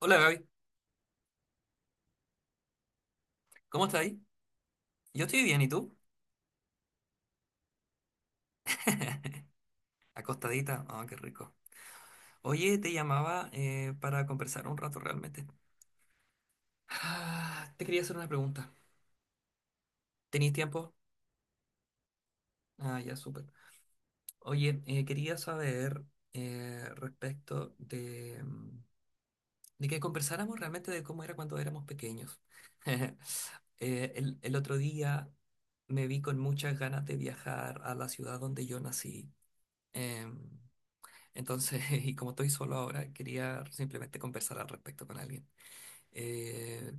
Hola Gaby, ¿cómo estás ahí? Yo estoy bien, ¿y tú? Acostadita, ah, qué rico. Oye, te llamaba para conversar un rato realmente. Ah, te quería hacer una pregunta. ¿Tenéis tiempo? Ah, ya, súper. Oye, quería saber respecto de, de que conversáramos realmente de cómo era cuando éramos pequeños. El otro día me vi con muchas ganas de viajar a la ciudad donde yo nací. Em, Entonces, y como estoy solo ahora, quería simplemente conversar al respecto con alguien. Eh,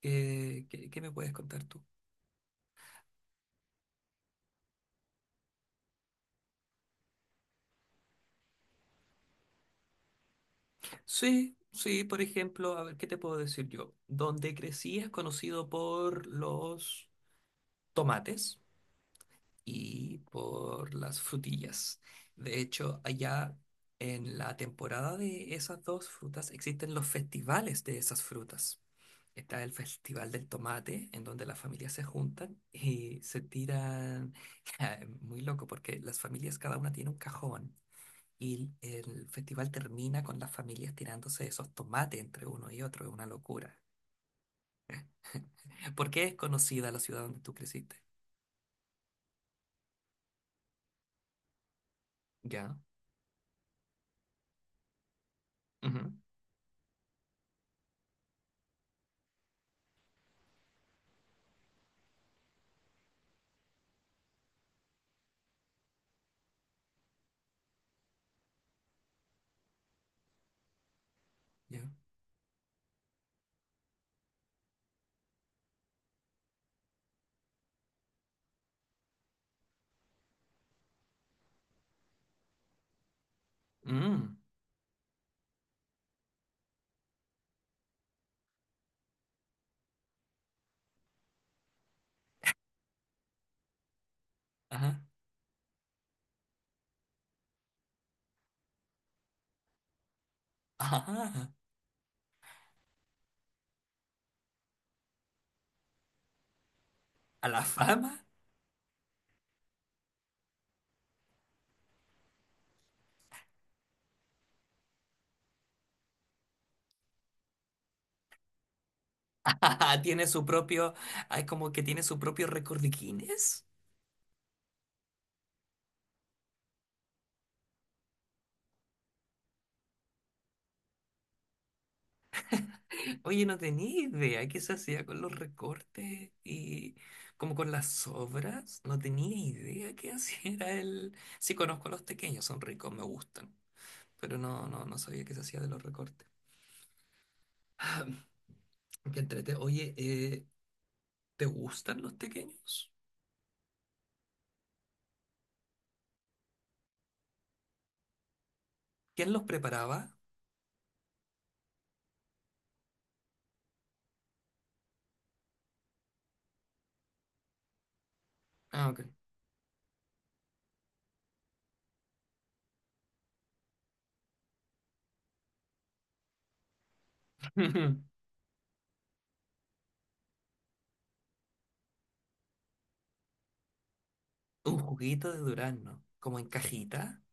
qué me puedes contar tú? Sí, sí, por ejemplo, a ver, ¿qué te puedo decir yo? Donde crecí es conocido por los tomates y por las frutillas. De hecho, allá en la temporada de esas dos frutas existen los festivales de esas frutas. Está el Festival del Tomate, en donde las familias se juntan y se tiran, muy loco, porque las familias cada una tiene un cajón y el festival termina con las familias tirándose esos tomates entre uno y otro, es una locura. ¿Por qué es conocida la ciudad donde tú creciste? Ya, ujú. Ya. Mm. Ajá. Ah, a la fama. Tiene su propio, ah, es como que tiene su propio récord de Guinness. Oye, no tenía idea qué se hacía con los recortes y como con las sobras. No tenía idea qué hacía era el... Sí conozco a los pequeños, son ricos, me gustan, pero no sabía qué se hacía de los recortes. Ah, qué entrete. Oye, ¿te gustan los pequeños? ¿Quién los preparaba? Ah, ok. Un juguito de durazno, como en cajita.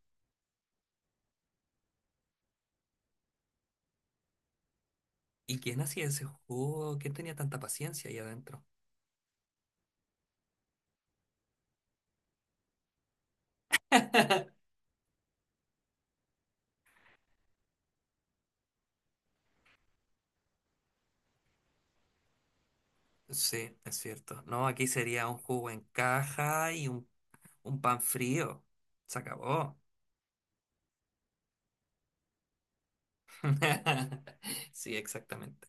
¿Y quién hacía ese jugo? ¿Quién tenía tanta paciencia ahí adentro? Sí, es cierto. No, aquí sería un jugo en caja y un pan frío. Se acabó. Sí, exactamente.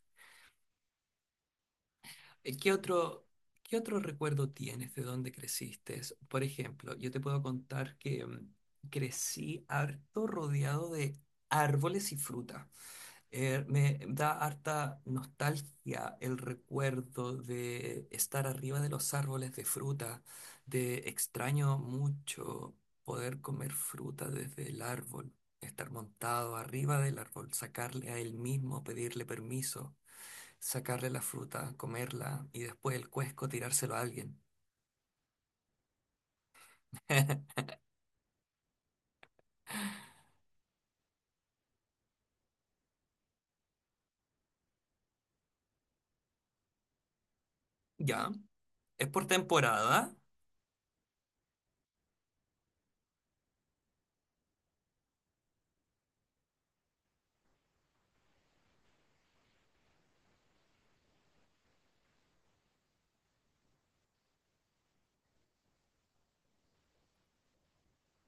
Eh, ¿Qué otro, qué otro recuerdo tienes de dónde creciste? Es- Por ejemplo, yo te puedo contar que crecí harto rodeado de árboles y fruta. Me da harta nostalgia el recuerdo de estar arriba de los árboles de fruta, de extraño mucho poder comer fruta desde el árbol, estar montado arriba del árbol, sacarle a él mismo, pedirle permiso, sacarle la fruta, comerla y después el cuesco tirárselo a alguien. Ya, es por temporada.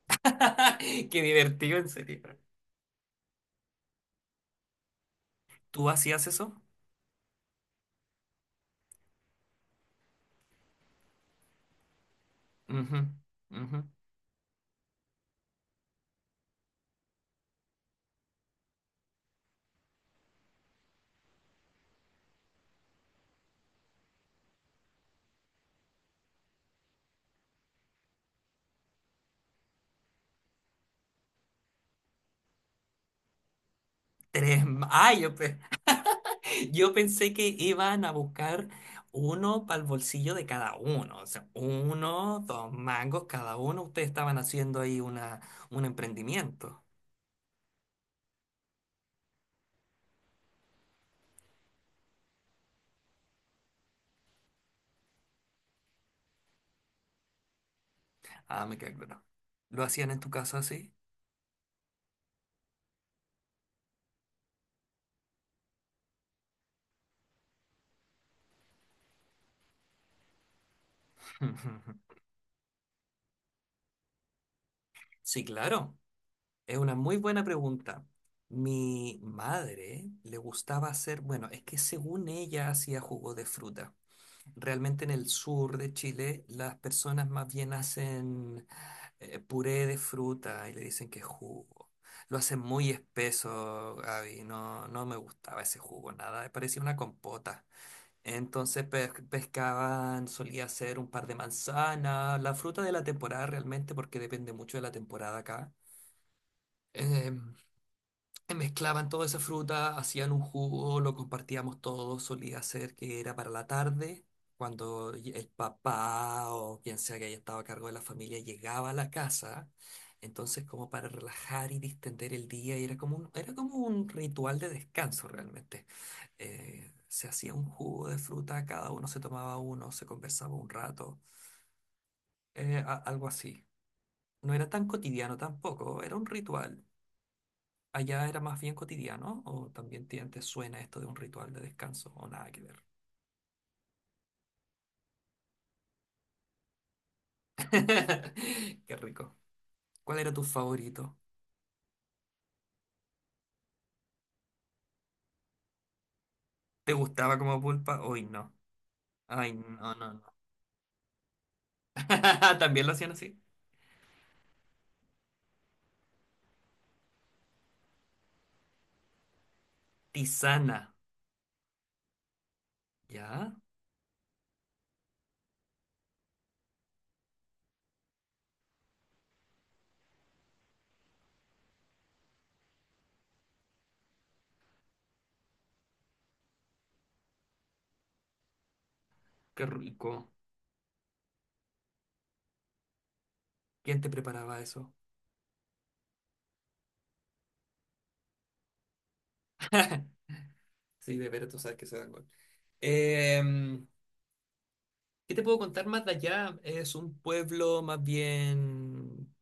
Qué divertido, en serio. ¿Tú hacías eso? Ujú, ujú. Tres. Ma- Ah, yo, pe- yo pensé que iban a buscar uno para el bolsillo de cada uno. O sea, uno, dos mangos cada uno. Ustedes estaban haciendo ahí una, un emprendimiento. Ah, me queda claro. ¿Lo hacían en tu casa así? Sí, claro. Es una muy buena pregunta. Mi madre le gustaba hacer, bueno, es que según ella hacía jugo de fruta. Realmente en el sur de Chile las personas más bien hacen puré de fruta y le dicen que es jugo. Lo hacen muy espeso, Gaby. No, no me gustaba ese jugo, nada. Parecía una compota. Entonces pe- pescaban, solía hacer un par de manzanas, la fruta de la temporada realmente, porque depende mucho de la temporada acá. em, Mezclaban toda esa fruta, hacían un jugo, lo compartíamos todos, solía ser que era para la tarde, cuando y- el papá o quien sea que haya estado a cargo de la familia llegaba a la casa, entonces como para relajar y distender el día, y era como un ritual de descanso realmente. Se hacía un jugo de fruta, cada uno se tomaba uno, se conversaba un rato, a- algo así. No era tan cotidiano tampoco, era un ritual allá era más bien cotidiano o también te suena esto de un ritual de descanso o nada que ver. Qué rico. ¿Cuál era tu favorito? ¿Te gustaba como pulpa? Hoy no. Ay, no. ¿También lo hacían así? Tisana. ¿Ya? Qué rico. ¿Quién te preparaba eso? Sí, de veras, tú sabes que se dan gol. Em, ¿Qué te puedo contar más de allá? Es un pueblo más bien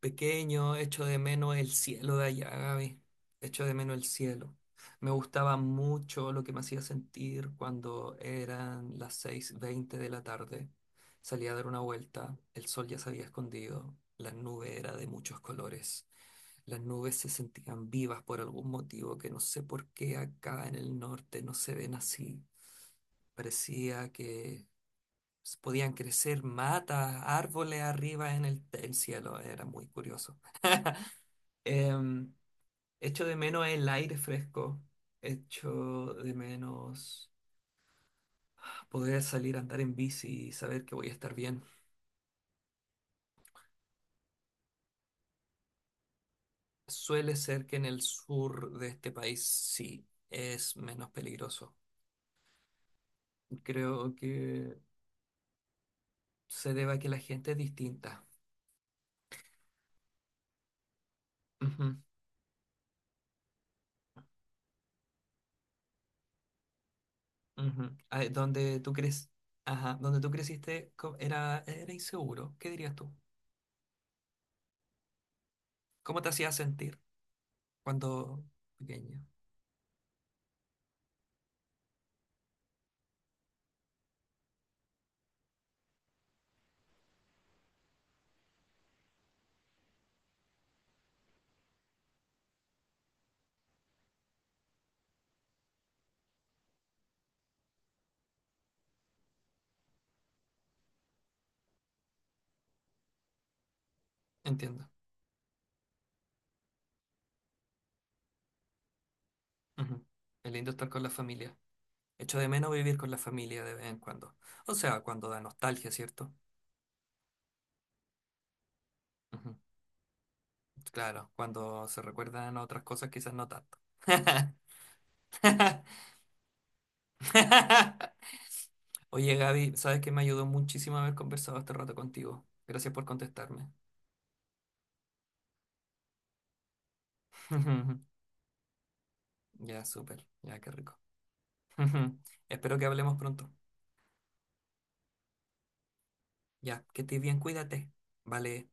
pequeño, hecho de menos el cielo de allá, Gaby. Hecho de menos el cielo. Me gustaba mucho lo que me hacía sentir cuando eran las 6:20 de la tarde. Salía a dar una vuelta, el sol ya se había escondido, la nube era de muchos colores. Las nubes se sentían vivas por algún motivo que no sé por qué acá en el norte no se ven así. Parecía que s- podían crecer matas, árboles arriba en el cielo, era muy curioso. Em, echo de menos el aire fresco, echo de menos poder salir a andar en bici y saber que voy a estar bien. Suele ser que en el sur de este país sí es menos peligroso. Creo que se debe a que la gente es distinta. Ujú, ujú. Ah, donde tú crees, ajá, donde tú creciste co- era, era inseguro. ¿Qué dirías tú? ¿Cómo te hacía sentir? Cuando pequeño. Entiendo. Ujú. Es lindo estar con la familia. Echo de menos vivir con la familia de vez en cuando. O sea, cuando da nostalgia, ¿cierto? Ujú. Claro, cuando se recuerdan otras cosas, quizás no tanto. Oye, Gaby, sabes que me ayudó muchísimo haber conversado este rato contigo. Gracias por contestarme. Ya, súper. Ya, qué rico. Espero que hablemos pronto. Ya, que estés bien, cuídate. Vale,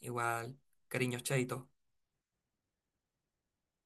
igual. Cariños, chaito.